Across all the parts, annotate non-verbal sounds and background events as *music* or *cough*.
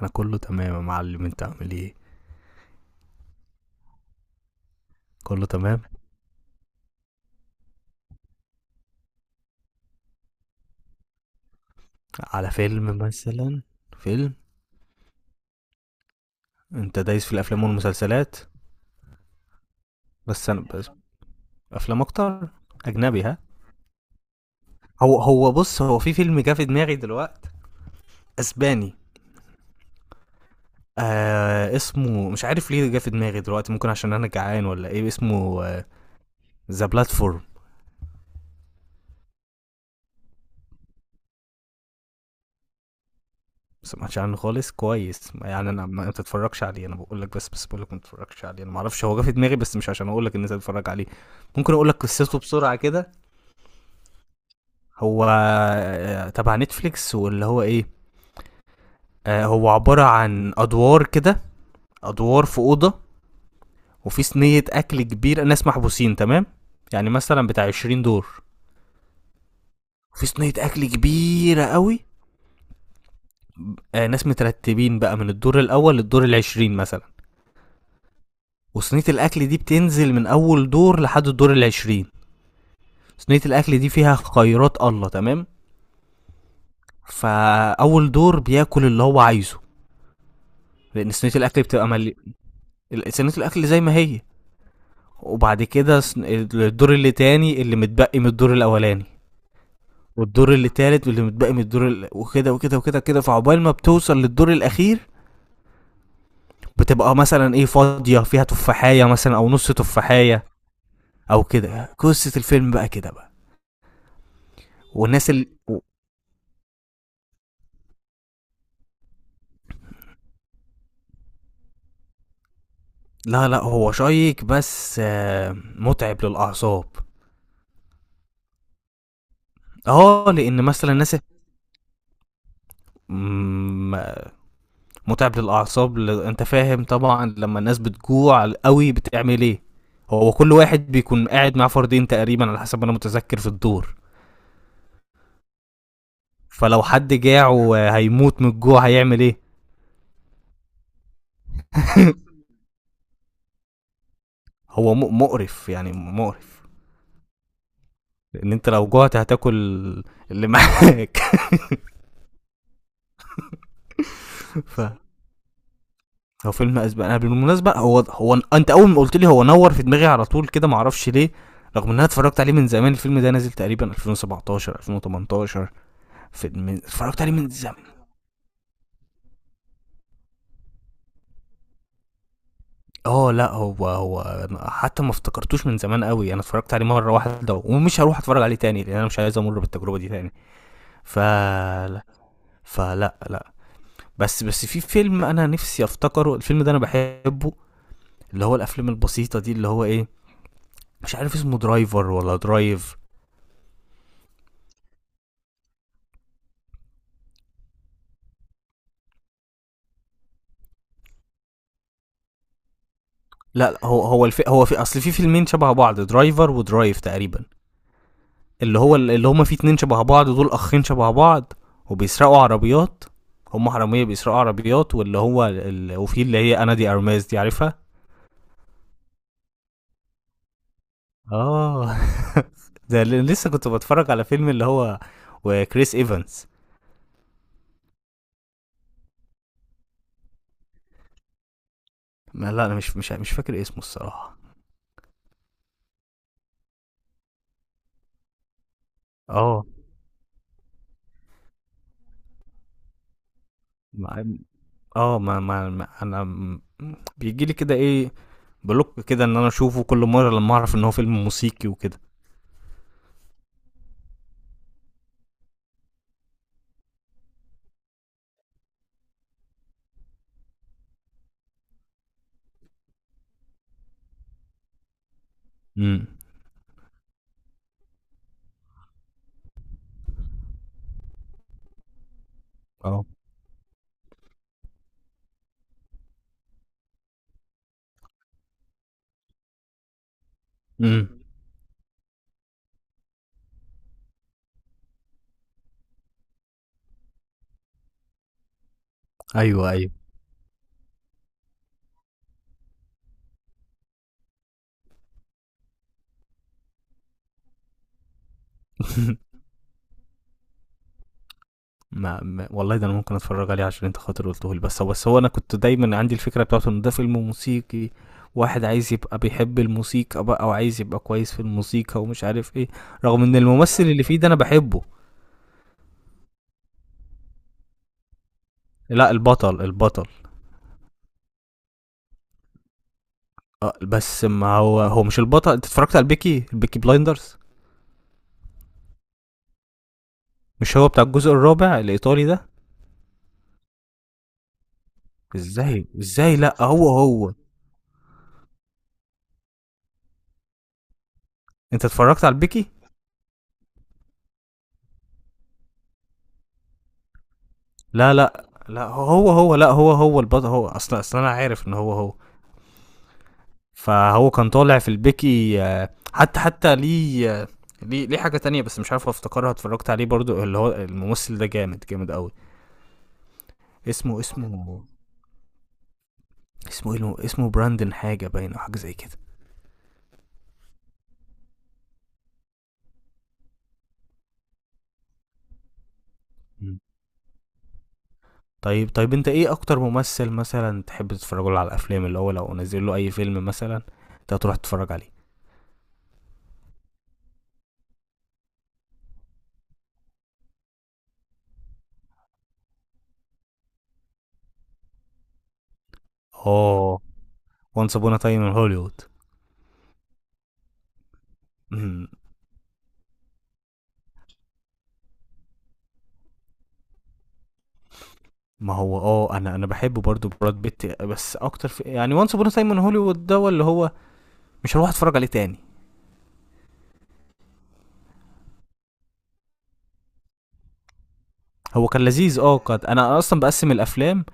انا كله تمام يا معلم، انت عامل ايه؟ كله تمام. على فيلم مثلا؟ فيلم. انت دايس في الافلام والمسلسلات؟ بس انا بس افلام اكتر. اجنبي، ها؟ هو هو بص، هو في فيلم جه في دماغي دلوقتي. اسباني. اسمه، مش عارف ليه جه في دماغي دلوقتي، ممكن عشان انا جعان، ولا ايه اسمه؟ ذا بلاتفورم. سمعتش عنه خالص، كويس، يعني انا ما بتتفرجش عليه، انا بقول لك. بس بقول لك ما تتفرجش عليه، انا ما اعرفش، هو جه في دماغي بس مش عشان اقول لك ان انت تتفرج عليه. ممكن اقول لك قصته بسرعه كده. هو، تبع نتفليكس، واللي هو ايه. هو عبارة عن ادوار كده. ادوار في اوضة، وفي صينية اكل كبيرة، ناس محبوسين، تمام. يعني مثلا بتاع 20 دور. وفي صينية اكل كبيرة قوي. ناس مترتبين بقى من الدور الاول للدور العشرين مثلا. وصينية الاكل دي بتنزل من اول دور لحد الدور العشرين. صينية الاكل دي فيها خيرات الله، تمام. فاول دور بياكل اللي هو عايزه، لان صينية الاكل بتبقى ملي. صينية الاكل زي ما هي. وبعد كده الدور اللي تاني، اللي متبقي من الدور الاولاني. والدور اللي تالت، واللي متبقي من الدور وكده وكده وكده كده، فعقبال ما بتوصل للدور الاخير. بتبقى مثلا، ايه، فاضيه فيها تفاحيه مثلا او نص تفاحيه. او كده، قصه الفيلم بقى كده بقى. والناس. لا، لا، هو شيق بس متعب للاعصاب. اه، لان مثلا الناس. مم، متعب للاعصاب، انت فاهم طبعا لما الناس بتجوع قوي بتعمل ايه. هو كل واحد بيكون قاعد مع فردين تقريبا على حسب ما انا متذكر في الدور. فلو حد جاع وهيموت من الجوع، هيعمل ايه؟ *laughs* *applause* هو مقرف، يعني مقرف. لان انت لو جوعت هتاكل اللي معاك. *laughs* *applause* ف هو فيلم اسبق انا بالمناسبه، هو انت اول ما قلت لي هو نور في دماغي على طول كده، معرفش ليه. رغم ان انا اتفرجت عليه من زمان. الفيلم ده نازل تقريبا 2017 2018. اتفرجت عليه من زمان. اه، لا، هو. حتى ما افتكرتوش من زمان قوي، انا اتفرجت عليه مره واحده ومش هروح اتفرج عليه تاني، لان انا مش عايز امر بالتجربه دي تاني. ف فلا، لا. بس في فيلم انا نفسي افتكره، الفيلم ده انا بحبه. اللي هو الافلام البسيطه دي، اللي هو ايه. مش عارف اسمه، درايفر ولا درايف؟ لا، لا، هو هو في اصل في فيلمين شبه بعض، درايفر ودرايف تقريبا. اللي هو، اللي هما فيه اتنين شبه بعض، دول اخين شبه بعض. وبيسرقوا عربيات. هما حراميه بيسرقوا عربيات، واللي هو وفي اللي هي، انا دي ارماز دي عارفها. اه. *laughs* *applause* ده لسه كنت بتفرج على فيلم اللي هو. وكريس ايفنز. ما، لا، انا مش فاكر اسمه الصراحه. اه. مع- اه. بيجي لي كده ايه، بلوك كده، ان انا اشوفه كل مره لما اعرف ان هو فيلم موسيقي وكده. امم. اه. امم. ايوه، ايوه. *laughs* والله، ده انا ممكن اتفرج عليه عشان انت خاطر قلته لي، بس هو انا كنت دايما عندي الفكره بتاعته ان ده فيلم موسيقي، واحد عايز يبقى بيحب الموسيقى بقى وعايز يبقى كويس في الموسيقى ومش عارف ايه. رغم ان الممثل اللي فيه ده انا بحبه. لا، البطل البطل. اه، بس ما هو، هو مش البطل. انت اتفرجت على البيكي بلايندرز؟ مش هو بتاع الجزء الرابع الايطالي ده؟ ازاي، ازاي؟ لا، هو. انت اتفرجت على البيكي؟ لا، لا، لا، هو. لا، هو البطل. هو اصلا، اصلا انا عارف ان هو هو. فهو كان طالع في البيكي، حتى ليه، ليه حاجه تانية بس مش عارف افتكرها، اتفرجت عليه برضو، اللي هو الممثل ده جامد جامد قوي. اسمه اسمه اسمه براندن حاجه باين، او حاجه زي كده. طيب، طيب، انت ايه اكتر ممثل مثلا تحب تتفرج له على الافلام، اللي هو لو نزل له اي فيلم مثلا انت هتروح تتفرج عليه؟ اه. وانس ابونا تايم ان هوليوود. مم. ما هو اه، انا بحب برضو براد بيت، بس اكتر في يعني وانس ابونا تايم ان هوليوود ده، اللي هو مش هروح اتفرج عليه تاني. هو كان لذيذ، اه، قد انا اصلا بقسم الافلام،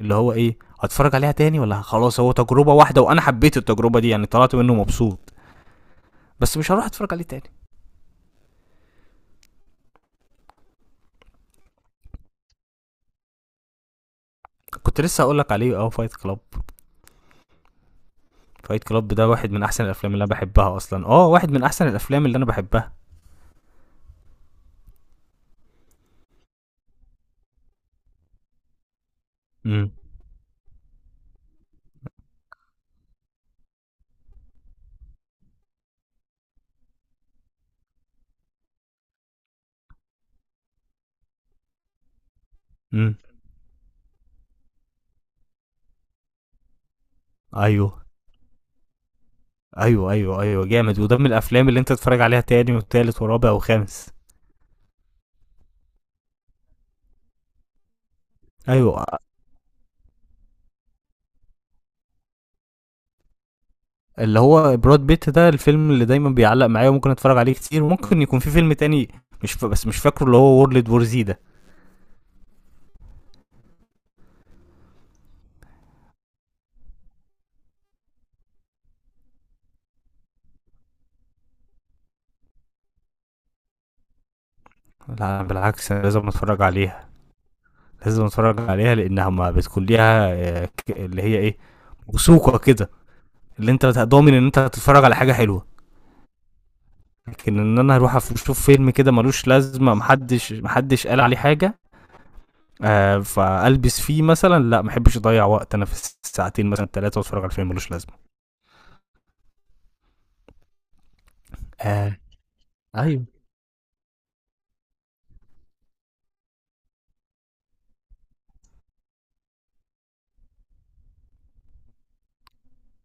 اللي هو ايه، هتفرج عليها تاني ولا خلاص هو تجربه واحده وانا حبيت التجربه دي، يعني طلعت منه مبسوط، بس مش هروح اتفرج عليه تاني. كنت لسه هقول لك عليه، اه، فايت كلاب. فايت كلاب ده واحد من احسن الافلام اللي انا بحبها اصلا، اه، واحد من احسن الافلام اللي انا بحبها. امم. امم. ايوه، ايوه. ايوه، ايوه. جامد، وده من الافلام اللي انت تتفرج عليها تاني وتالت ورابع وخامس. ايوه. اللي هو براد بيت ده الفيلم اللي دايما بيعلق معايا وممكن اتفرج عليه كتير، وممكن يكون في فيلم تاني مش ف... بس مش فاكره، اللي هو وورلد وور زي ده. لا، بالعكس، أنا لازم اتفرج عليها. لازم اتفرج عليها لانها ما بتكون ليها، اللي هي ايه، وثوقه كده، اللي انت ضامن ان انت هتتفرج على حاجه حلوه. لكن ان انا اروح اشوف فيلم كده ملوش لازمه، محدش قال عليه حاجه. فالبس فيه مثلا، لا، ما احبش اضيع وقت انا في الساعتين مثلا ثلاثه، واتفرج على فيلم ملوش لازمه. آه. ايوه.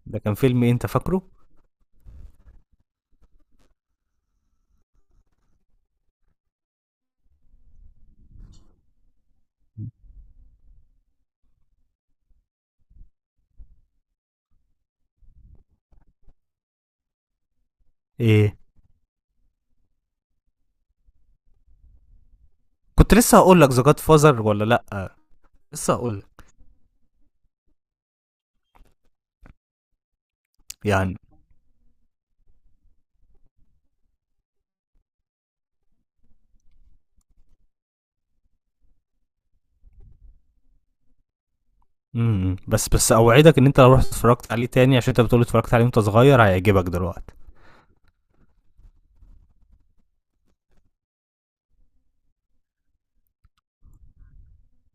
ده كان فيلم إيه، انت فاكره؟ ايه؟ كنت لسه هقول لك ذا جاد فازر، ولا لا؟ لسه هقول لك. يعني. امم. بس اوعدك ان انت لو رحت اتفرجت عليه تاني، عشان انت بتقول اتفرجت عليه وانت صغير، هيعجبك دلوقتي.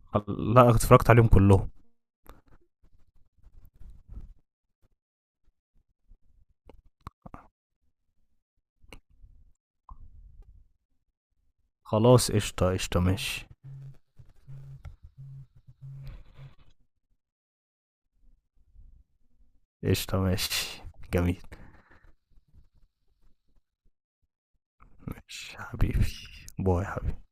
لا، اتفرجت عليهم كلهم. خلاص، قشطه، قشطه، ماشي. قشطه، ماشي. جميل. ماشي حبيبي. باي حبيبي.